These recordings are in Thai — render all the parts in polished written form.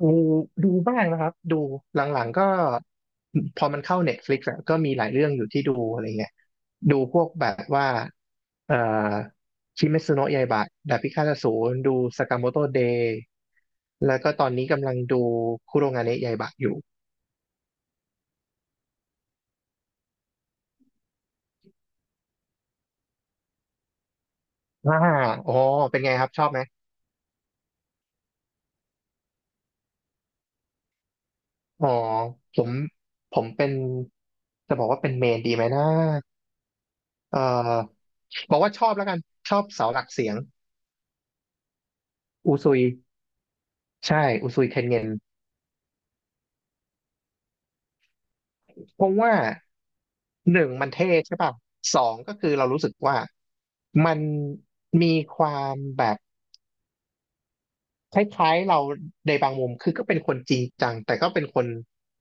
ดูดูบ้างนะครับดูหลังๆก็พอมันเข้า Netflix อะก็มีหลายเรื่องอยู่ที่ดูอะไรเงี้ยดูพวกแบบว่าเอ่อคิเมซุโนะยาอิบะดาบพิฆาตอสูรดูสากาโมโตเดย์แล้วก็ตอนนี้กำลังดูคุโรงาเนะยาอิบะอยู่อ่าอ๋อเป็นไงครับชอบไหมอ๋อผมผมเป็นจะบอกว่าเป็นเมนดีไหมนะเอ่อบอกว่าชอบแล้วกันชอบเสาหลักเสียงอูซุยใช่อุซุยเทนเงิน เพราะว่าหนึ่งมันเท่ใช่ป่ะสองก็คือเรารู้สึกว่ามันมีความแบบคล้ายๆเราในบางมุมคือก็เป็นคนจริงจังแต่ก็เป็นคน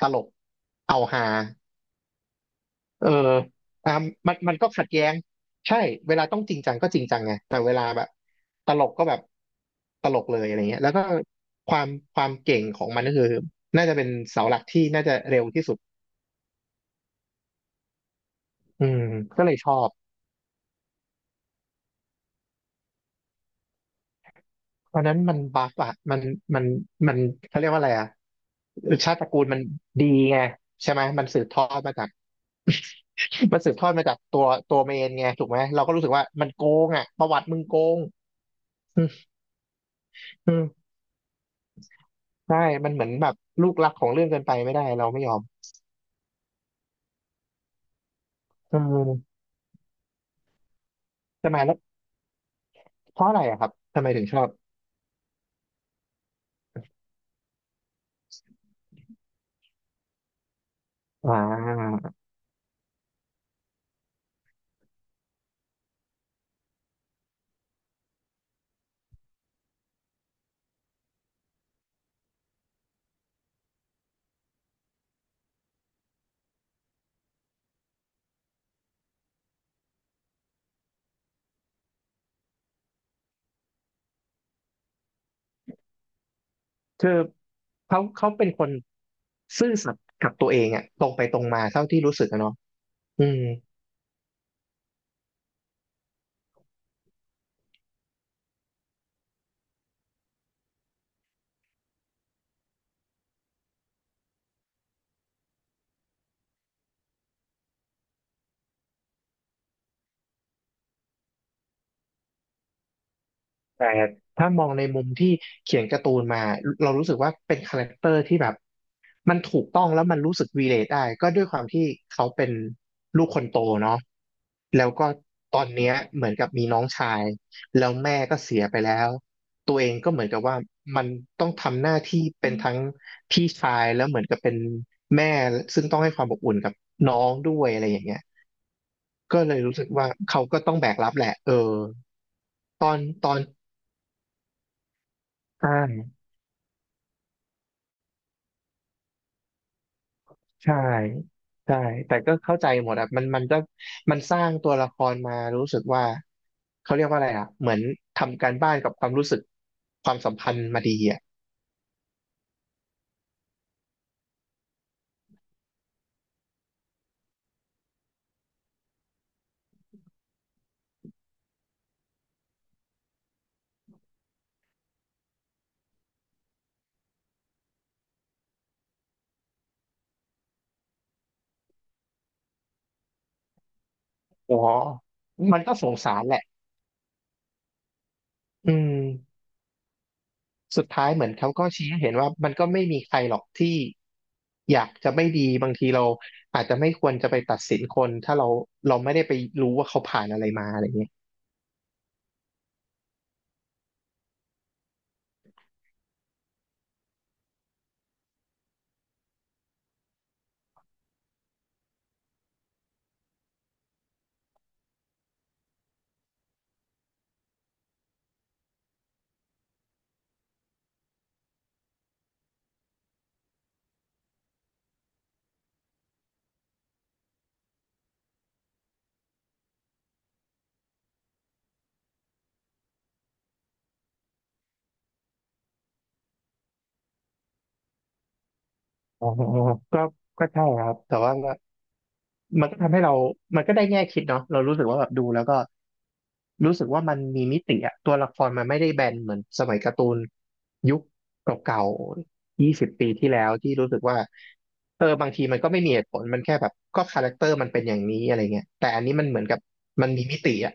ตลกเอาฮาเอออ่ะมันก็ขัดแย้งใช่เวลาต้องจริงจังก็จริงจังไงแต่เวลาแบบตลกก็แบบตลกเลยอะไรเงี้ยแล้วก็ความความเก่งของมันก็คือน่าจะเป็นเสาหลักที่น่าจะเร็วที่สุดอืมก็เลยชอบ เพราะนั้นมันบัฟอะมันมันเขาเรียกว่าอะไรอะชาติตระกูลมันดีไงใช่ไหมมันสืบทอดมาจากมันสืบทอดมาจากตัวตัวเมนไงถูกไหมเราก็รู้สึกว่ามันโกงอะประวัติมึงโกงอืมอืมใช่มันเหมือนแบบลูกรักของเรื่องเกินไปไม่ได้เราไม่ยอมอืมทำไหมแล้วเพราะอะไรอะครับทำไมถึงชอบอ่าคือเขาเขาเป็นคนซื่อสัตย์กับตัวเองอะตรงไปตรงมาเท่าที่รู้สึกอะเนาะอืม แต่ถ้ามองในมุมที่เขียนการ์ตูนมา เรารู้สึกว่าเป็นคาแรคเตอร์ที่แบบมันถูกต้องแล้วมันรู้สึกวีเลทได้ ก็ด้วยความที่เขาเป็นลูกคนโตเนาะแล้วก็ตอนเนี้ยเหมือนกับมีน้องชาย แล้วแม่ก็เสียไปแล้วตัวเองก็เหมือนกับว่ามันต้องทำหน้าที่เป็นทั้งพี่ชายแล้วเหมือนกับเป็นแม่ ซึ่งต้องให้ความอบอุ่นกับน้องด้วยอะไรอย่างเงี้ยก็เลยรู้สึกว่าเขาก็ต้องแบกรับแหละเออตอนตอนใช่ ใช่ใช่แต่ก็เข้าใจหมดอ่ะมันก็มันสร้างตัวละครมารู้สึกว่าเขาเรียกว่าอะไรอ่ะเหมือนทำการบ้านกับความรู้สึกความสัมพันธ์มาดีอ่ะอ๋อมันก็สงสารแหละอืมสุดท้ายเหมือนเขาก็ชี้ให้เห็นว่ามันก็ไม่มีใครหรอกที่อยากจะไม่ดีบางทีเราอาจจะไม่ควรจะไปตัดสินคนถ้าเราเราไม่ได้ไปรู้ว่าเขาผ่านอะไรมาอะไรเงี้ยอ๋อก็ก็ใช่ครับแต่ว่า มันก็ทำให้เรามันก็ได้แง่คิดเนาะเรารู้สึกว่าแบบดูแล้วก็รู้สึกว่ามันมีมิติอะตัวละครมันไม่ได้แบนเหมือนสมัยการ์ตูนยุคเก่าๆ20 ปีที่แล้วที่รู้สึกว่าเออบางทีมันก็ไม่มีเหตุผล มันแค่แบบก็คาแรคเตอร์มันเป็นอย่างนี้อะไรเงี้ยแต่อันนี้มันเหมือนกับมันมีมิติอะ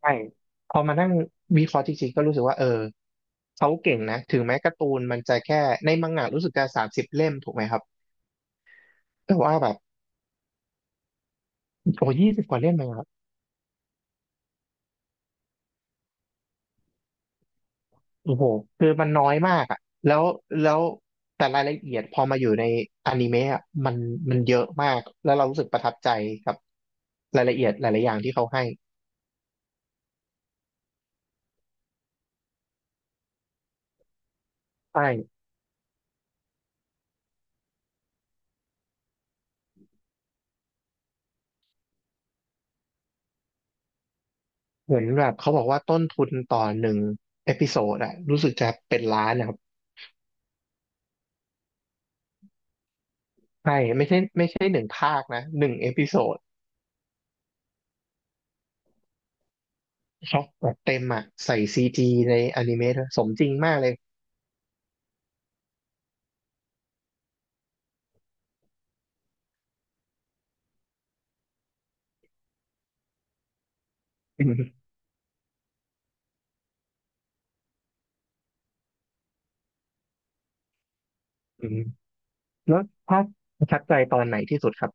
ใช่พอมานั่งวิเคราะห์จริงๆก็รู้สึกว่าเออเขาเก่งนะถึงแม้การ์ตูนมันจะแค่ในมังงะรู้สึกจะ30 เล่มถูกไหมครับแต่ว่าแบบโอ้20 กว่าเล่มเลย โอ้โหคือมันน้อยมากอ่ะแล้วแล้วแต่รายละเอียดพอมาอยู่ในอนิเมะอะมันมันเยอะมากแล้วเรารู้สึกประทับใจกับรายละเอียดหลายๆอย่างที่เขาให้ใช่เหมือนแบบเขาบอกว่าต้นทุนต่อหนึ่งเอพิโซดอะรู้สึกจะเป็นล้านนะครับใช่ไม่ใช่ไม่ใช่หนึ่งภาคนะหนึ่งเอพิโซดช็อปแบบเต็มอะใส่ซีจีในอนิเมะด้วยสมจริงมากเลย อืมอืมแล้วภาคประทับใจตอนไหนที่สุดครับ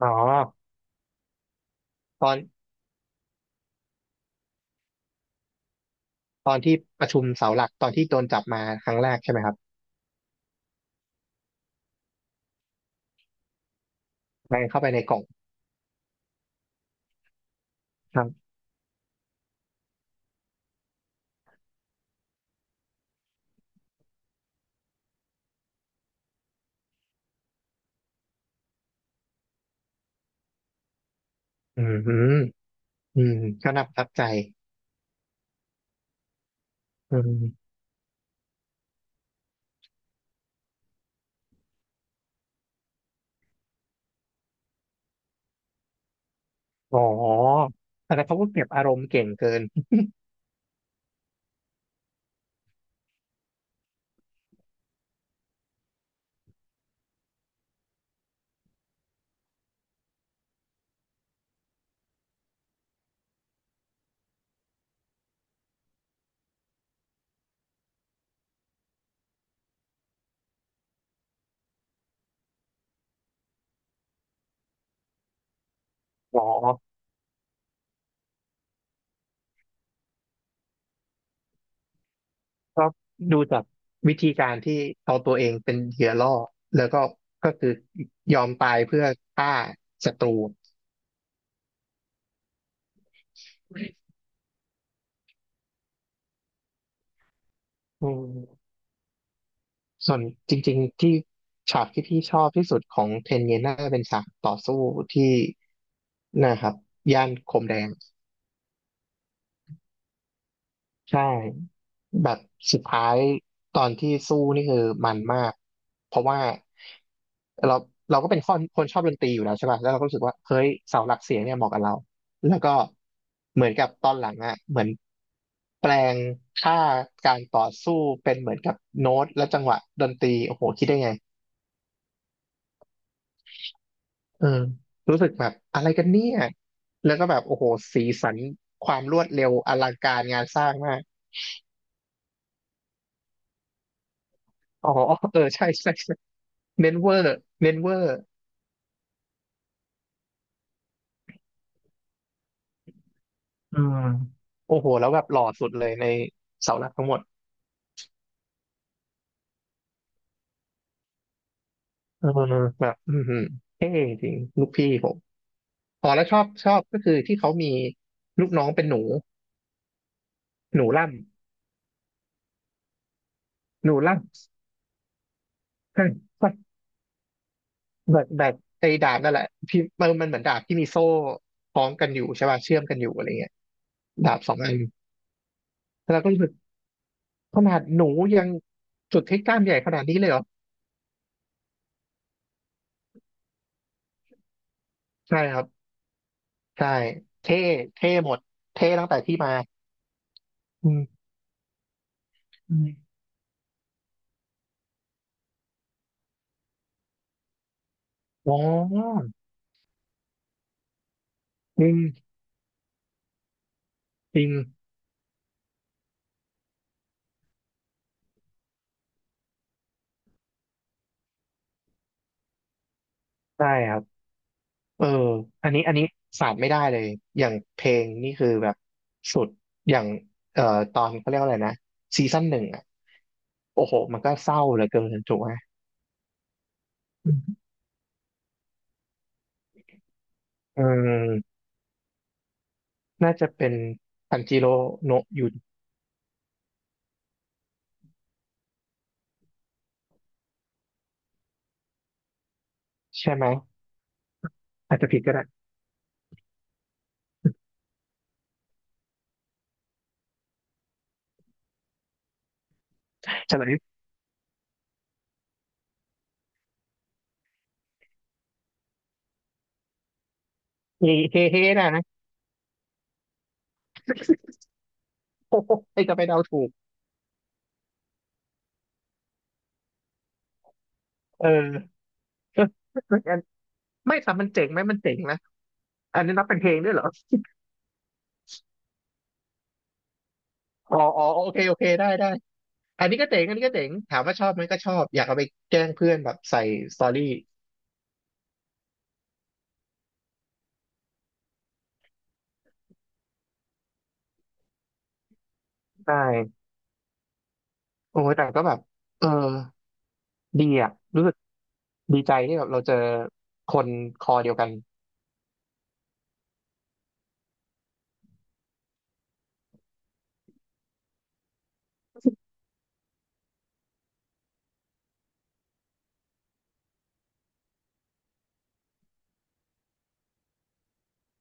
อ๋อตอน ตอนที่ประชุมเสาหลักตอนที่โดนจับมาครั้งแรกใช่ไหมครับแมนเข้าไปในกล่องครับอืมอืมอืมก็น่าประทับใจอืมอ๋อแต่เขาก็เก็บอารมณ์เก่งเกินอ๋อก็ดูจากวิธีการที่เอาตัวเองเป็นเหยื่อล่อแล้วก็คือยอมตายเพื่อฆ่าศัตรูอืมส่วนจริงๆที่ฉากที่พี่ชอบที่สุดของเทนเยน่าเป็นฉากต่อสู้ที่นะครับย่านโคมแดง ใช่แบบสุดท้ายตอนที่สู้นี่คือมันมากเพราะว่าเราเราก็เป็นคนชอบดนตรีอยู่แล้วใช่ป่ะแล้วเราก็รู้สึกว่าเฮ้ยเสาหลักเสียงเนี่ยเหมาะกับเราแล้วก็เหมือนกับตอนหลังอ่ะเหมือนแปลงค่าการต่อสู้เป็นเหมือนกับโน้ตและจังหวะดนตรีโอ้โหคิดได้ไงเออรู้สึกแบบอะไรกันเนี่ยแล้วก็แบบโอ้โหสีสันความรวดเร็วอลังการงานสร้างมาก อ๋อเออใช่ใช่ใช่เมนเวอร์เมนเวอร์อืมโอ้โหแล้วแบบหล่อสุดเลยในเสาหลักทั้งหมดเออแบบอือเท่จริง ลูกพี่ผมอ๋อแล้วชอบชอบก็คือที่เขามีลูกน้องเป็นหนู หนูล่หนูล่ำใช่ใช่แบบแบบไอ้ดาบนั่นแหละที่มันมันเหมือนดาบที่มีโซ่คล้องกันอยู่ใช่ป่ะเชื่อมกันอยู่อะไรเงี้ยดาบสองอันแล้วก็รู้สึกขนาดหนูยังสุดที่กล้ามใหญ่ขนาดนี้เลยเหรอ ใช่ครับ ใช่เท่เท่หมดเท่ตั้งแต่ที่มาอืมอืมอ๋ออืจริงใช่ครับเอออันนี้ขาดไม่ได้เลยอย่างเพลงนี่คือแบบสุดอย่างเอ่อตอนเขาเรียกว่าอะไรนะซีซั่นหนึ่งอ่ะโอ้โหมันก็เศร้าเหลือเกินถูกไหมอืมเออน่าจะเป็นทันจิโร่โนะยุนใช่ไหมอาจจะผิดก็ได้เฉลยเฮเฮเฮนะนะ โอ้โหใครจะไปเดาถูกเออ ไม่แต่มันเจ๋งไหมมันเจ๋งนะอันนี้นับเป็นเพลงด้วยเหรอ อ๋ออ๋อโอเคโอเคได้ได้อันนี้ก็เจ๋งอันนี้ก็เจ๋งถามว่าชอบไหมก็ชอบอยากเอาไปแกล้งเพื่อนแบบใส่สตอรี่ได้โอ้ยแต่ก็แบบเออดีอ่ะรู้สึกดีใจที่แบบเราเจอคนคอเดียวกัน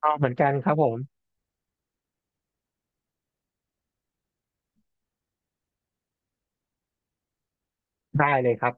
อ๋อเหมือนกันครับผมได้เลยครับ